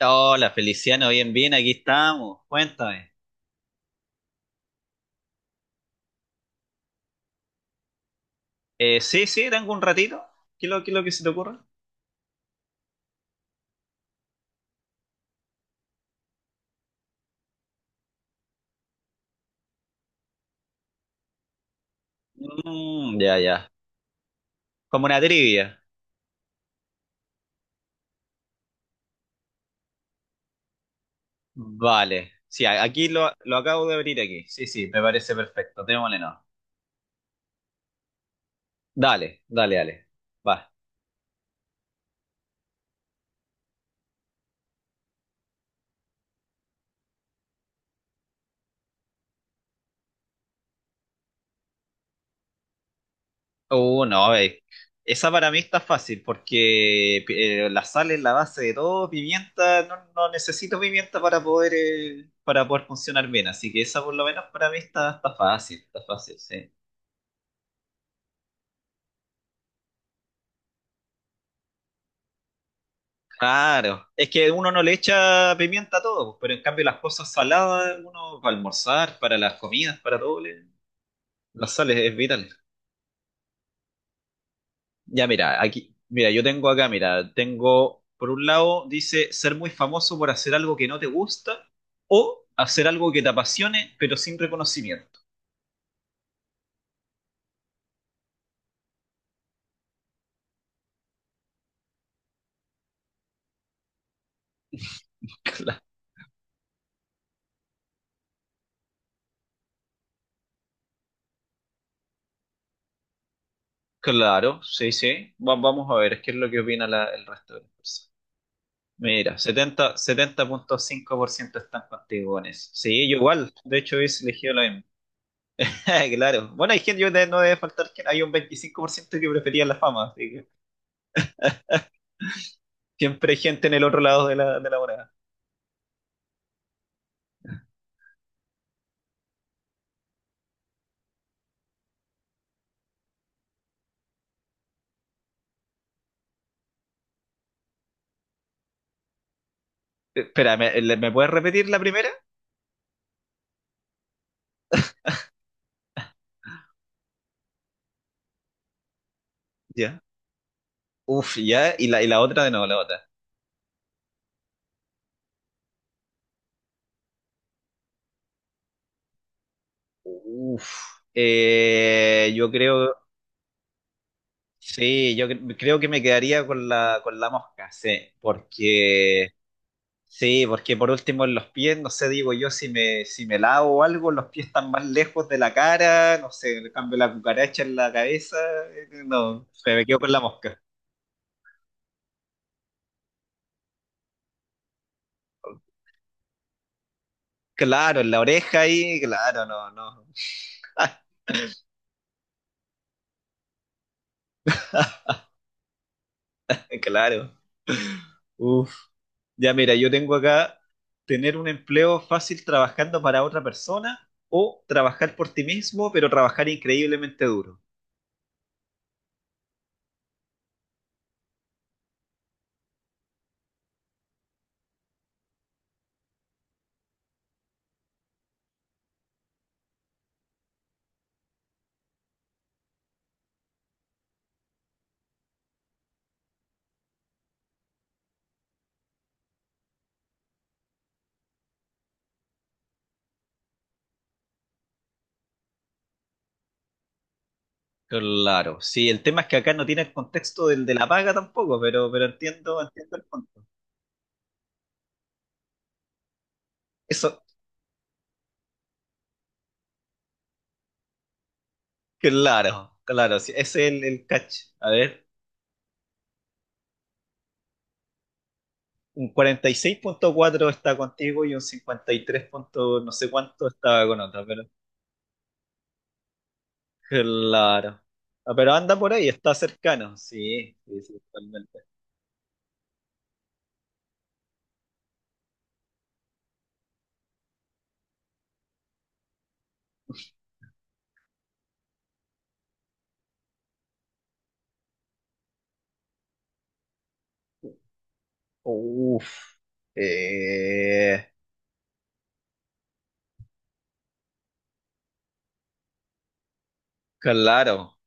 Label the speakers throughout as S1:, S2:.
S1: Hola, Feliciano, bien, bien, aquí estamos. Cuéntame. Sí, sí, tengo un ratito. ¿Qué es lo que se te ocurre? Mm, ya, ya. Como una trivia. Vale. Sí, aquí lo acabo de abrir aquí. Sí, sí, me parece perfecto. Démosle no. Dale, dale, dale. Va. No. Esa para mí está fácil porque la sal es la base de todo. Pimienta, no, no necesito pimienta para poder funcionar bien. Así que esa por lo menos para mí está fácil, sí. Claro, es que uno no le echa pimienta a todo, pero en cambio las cosas saladas, uno para almorzar, para las comidas, para todo, las sales es vital. Ya mira, aquí, mira, yo tengo acá, mira, tengo, por un lado dice ser muy famoso por hacer algo que no te gusta o hacer algo que te apasione pero sin reconocimiento. Cla- Claro, sí, sí, vamos a ver qué es lo que opina el resto de las personas. Mira, 70, 70.5% están contigo en eso. Sí, yo igual. De hecho, hubiese elegido lo mismo. Claro. Bueno, hay gente, no debe faltar que hay un 25% que prefería la fama. Así que siempre hay gente en el otro lado de la moneda. Espera, ¿Me puedes repetir la primera? Ya. Uf, ya. Y la otra de nuevo, la otra. Uf. Yo creo. Sí, yo creo que me quedaría con la mosca, sí. Porque. Sí, porque por último en los pies, no sé, digo yo, si me lavo o algo, los pies están más lejos de la cara, no sé, le cambio la cucaracha en la cabeza, no, se me quedo con la mosca. Claro, en la oreja ahí, claro, no, no, claro. Uf, ya mira, yo tengo acá tener un empleo fácil trabajando para otra persona o trabajar por ti mismo, pero trabajar increíblemente duro. Claro, sí, el tema es que acá no tiene el contexto del de la paga tampoco, pero entiendo, entiendo el contexto. Eso, claro, claro, sí, ese es el catch. A ver, un 46.4 está contigo y un 53 punto no sé cuánto estaba con otra, pero claro. Ah, pero anda por ahí, está cercano, sí, sí, sí, totalmente. Uf, eh, claro.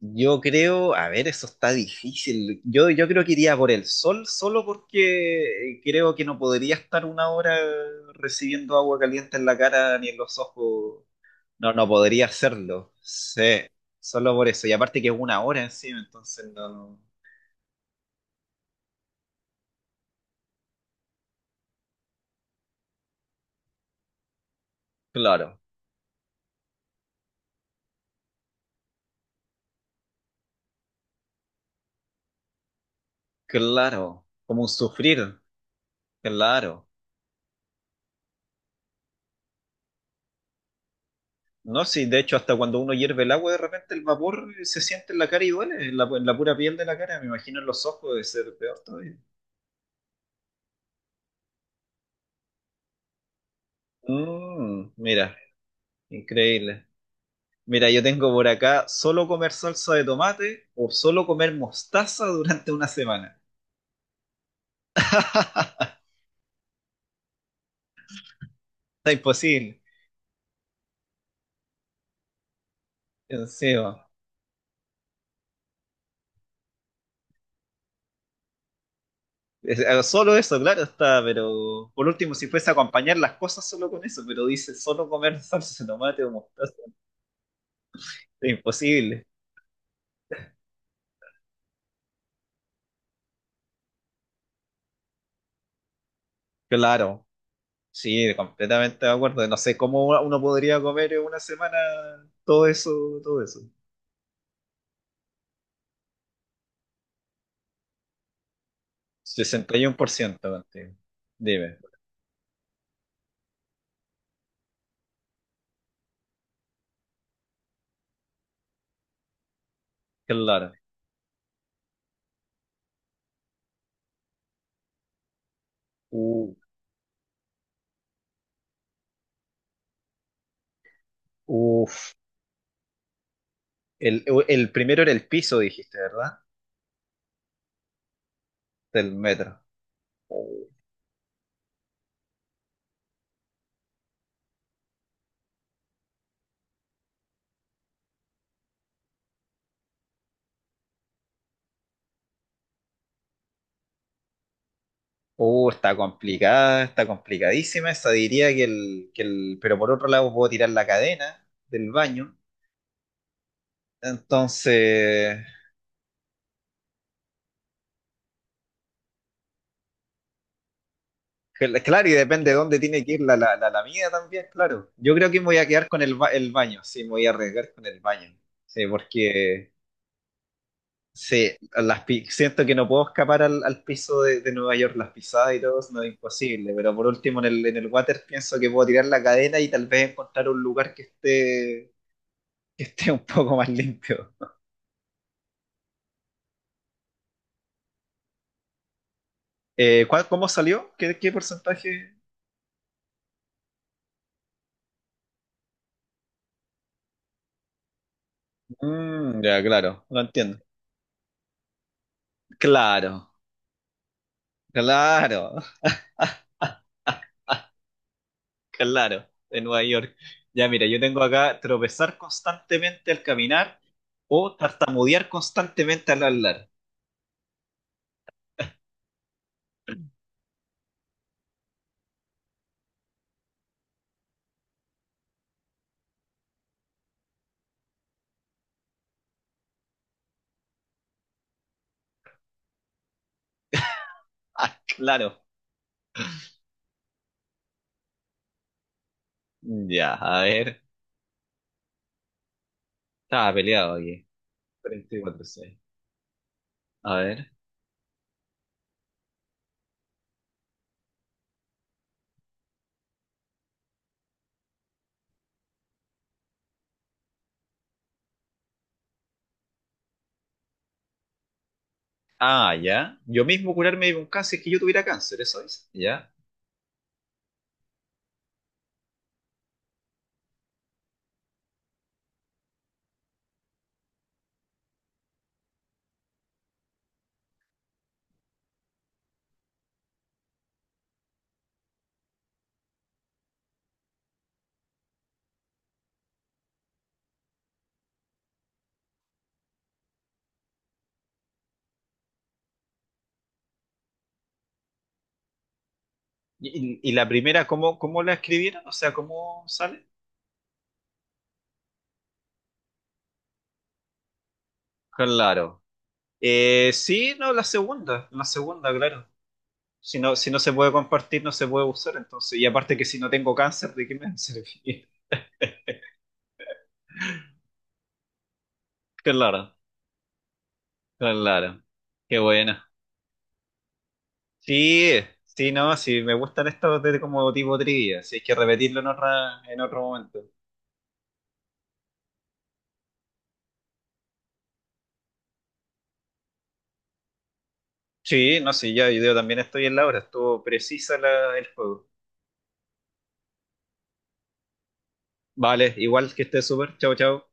S1: Yo creo, a ver, eso está difícil. Yo creo que iría por el sol solo porque creo que no podría estar una hora recibiendo agua caliente en la cara ni en los ojos. No, no podría hacerlo. Sí, solo por eso. Y aparte que es una hora encima, entonces no. Claro, claro. Como un sufrir, claro. No, sí, de hecho, hasta cuando uno hierve el agua, de repente el vapor se siente en la cara y duele, en la pura piel de la cara. Me imagino en los ojos de ser peor todavía. Mm, mira, increíble. Mira, yo tengo por acá solo comer salsa de tomate o solo comer mostaza durante una semana. Está imposible. Encima. Solo eso, claro, está, pero por último, si fuese a acompañar las cosas solo con eso, pero dice solo comer salsa de tomate o mostaza, es imposible. Claro, sí, completamente de acuerdo. No sé cómo uno podría comer en una semana todo eso, todo eso. 61% contigo. Dime, claro. U- Uf, el primero era el piso, dijiste, ¿verdad? Del metro. Está complicada, está complicadísima esa. Diría que el. Pero por otro lado, puedo tirar la cadena del baño. Entonces. Claro, y depende de dónde tiene que ir la mía también, claro. Yo creo que me voy a quedar con el baño. Sí, me voy a arriesgar con el baño. Sí, porque. Sí, siento que no puedo escapar al piso de Nueva York, las pisadas y todo, no es imposible. Pero por último, en el water pienso que puedo tirar la cadena y tal vez encontrar un lugar que esté un poco más limpio. ¿Cómo salió? ¿Qué porcentaje? Mm, ya, claro, lo entiendo. Claro, claro, claro, de Nueva York. Ya, mira, yo tengo acá tropezar constantemente al caminar o tartamudear constantemente al hablar. Ah, claro. Ya, a ver. Estaba peleado aquí. 34.6. A ver. Ah, ya. Yo mismo curarme de un cáncer es que yo tuviera cáncer, eso es. Ya. ¿Y la primera, cómo la escribieron? O sea, ¿cómo sale? Claro. Sí, no, la segunda, claro. Si no, si no se puede compartir, no se puede usar, entonces. Y aparte que si no tengo cáncer, ¿de qué me va a servir? Claro, claro. Qué buena. Sí, sí, no, sí, me gustan estos de como tipo trivia, si hay que repetirlo en otra, en otro momento. Sí, no, sí, ya, yo también estoy en la hora, estuvo precisa la, el juego. Vale, igual que esté súper, chao, chao.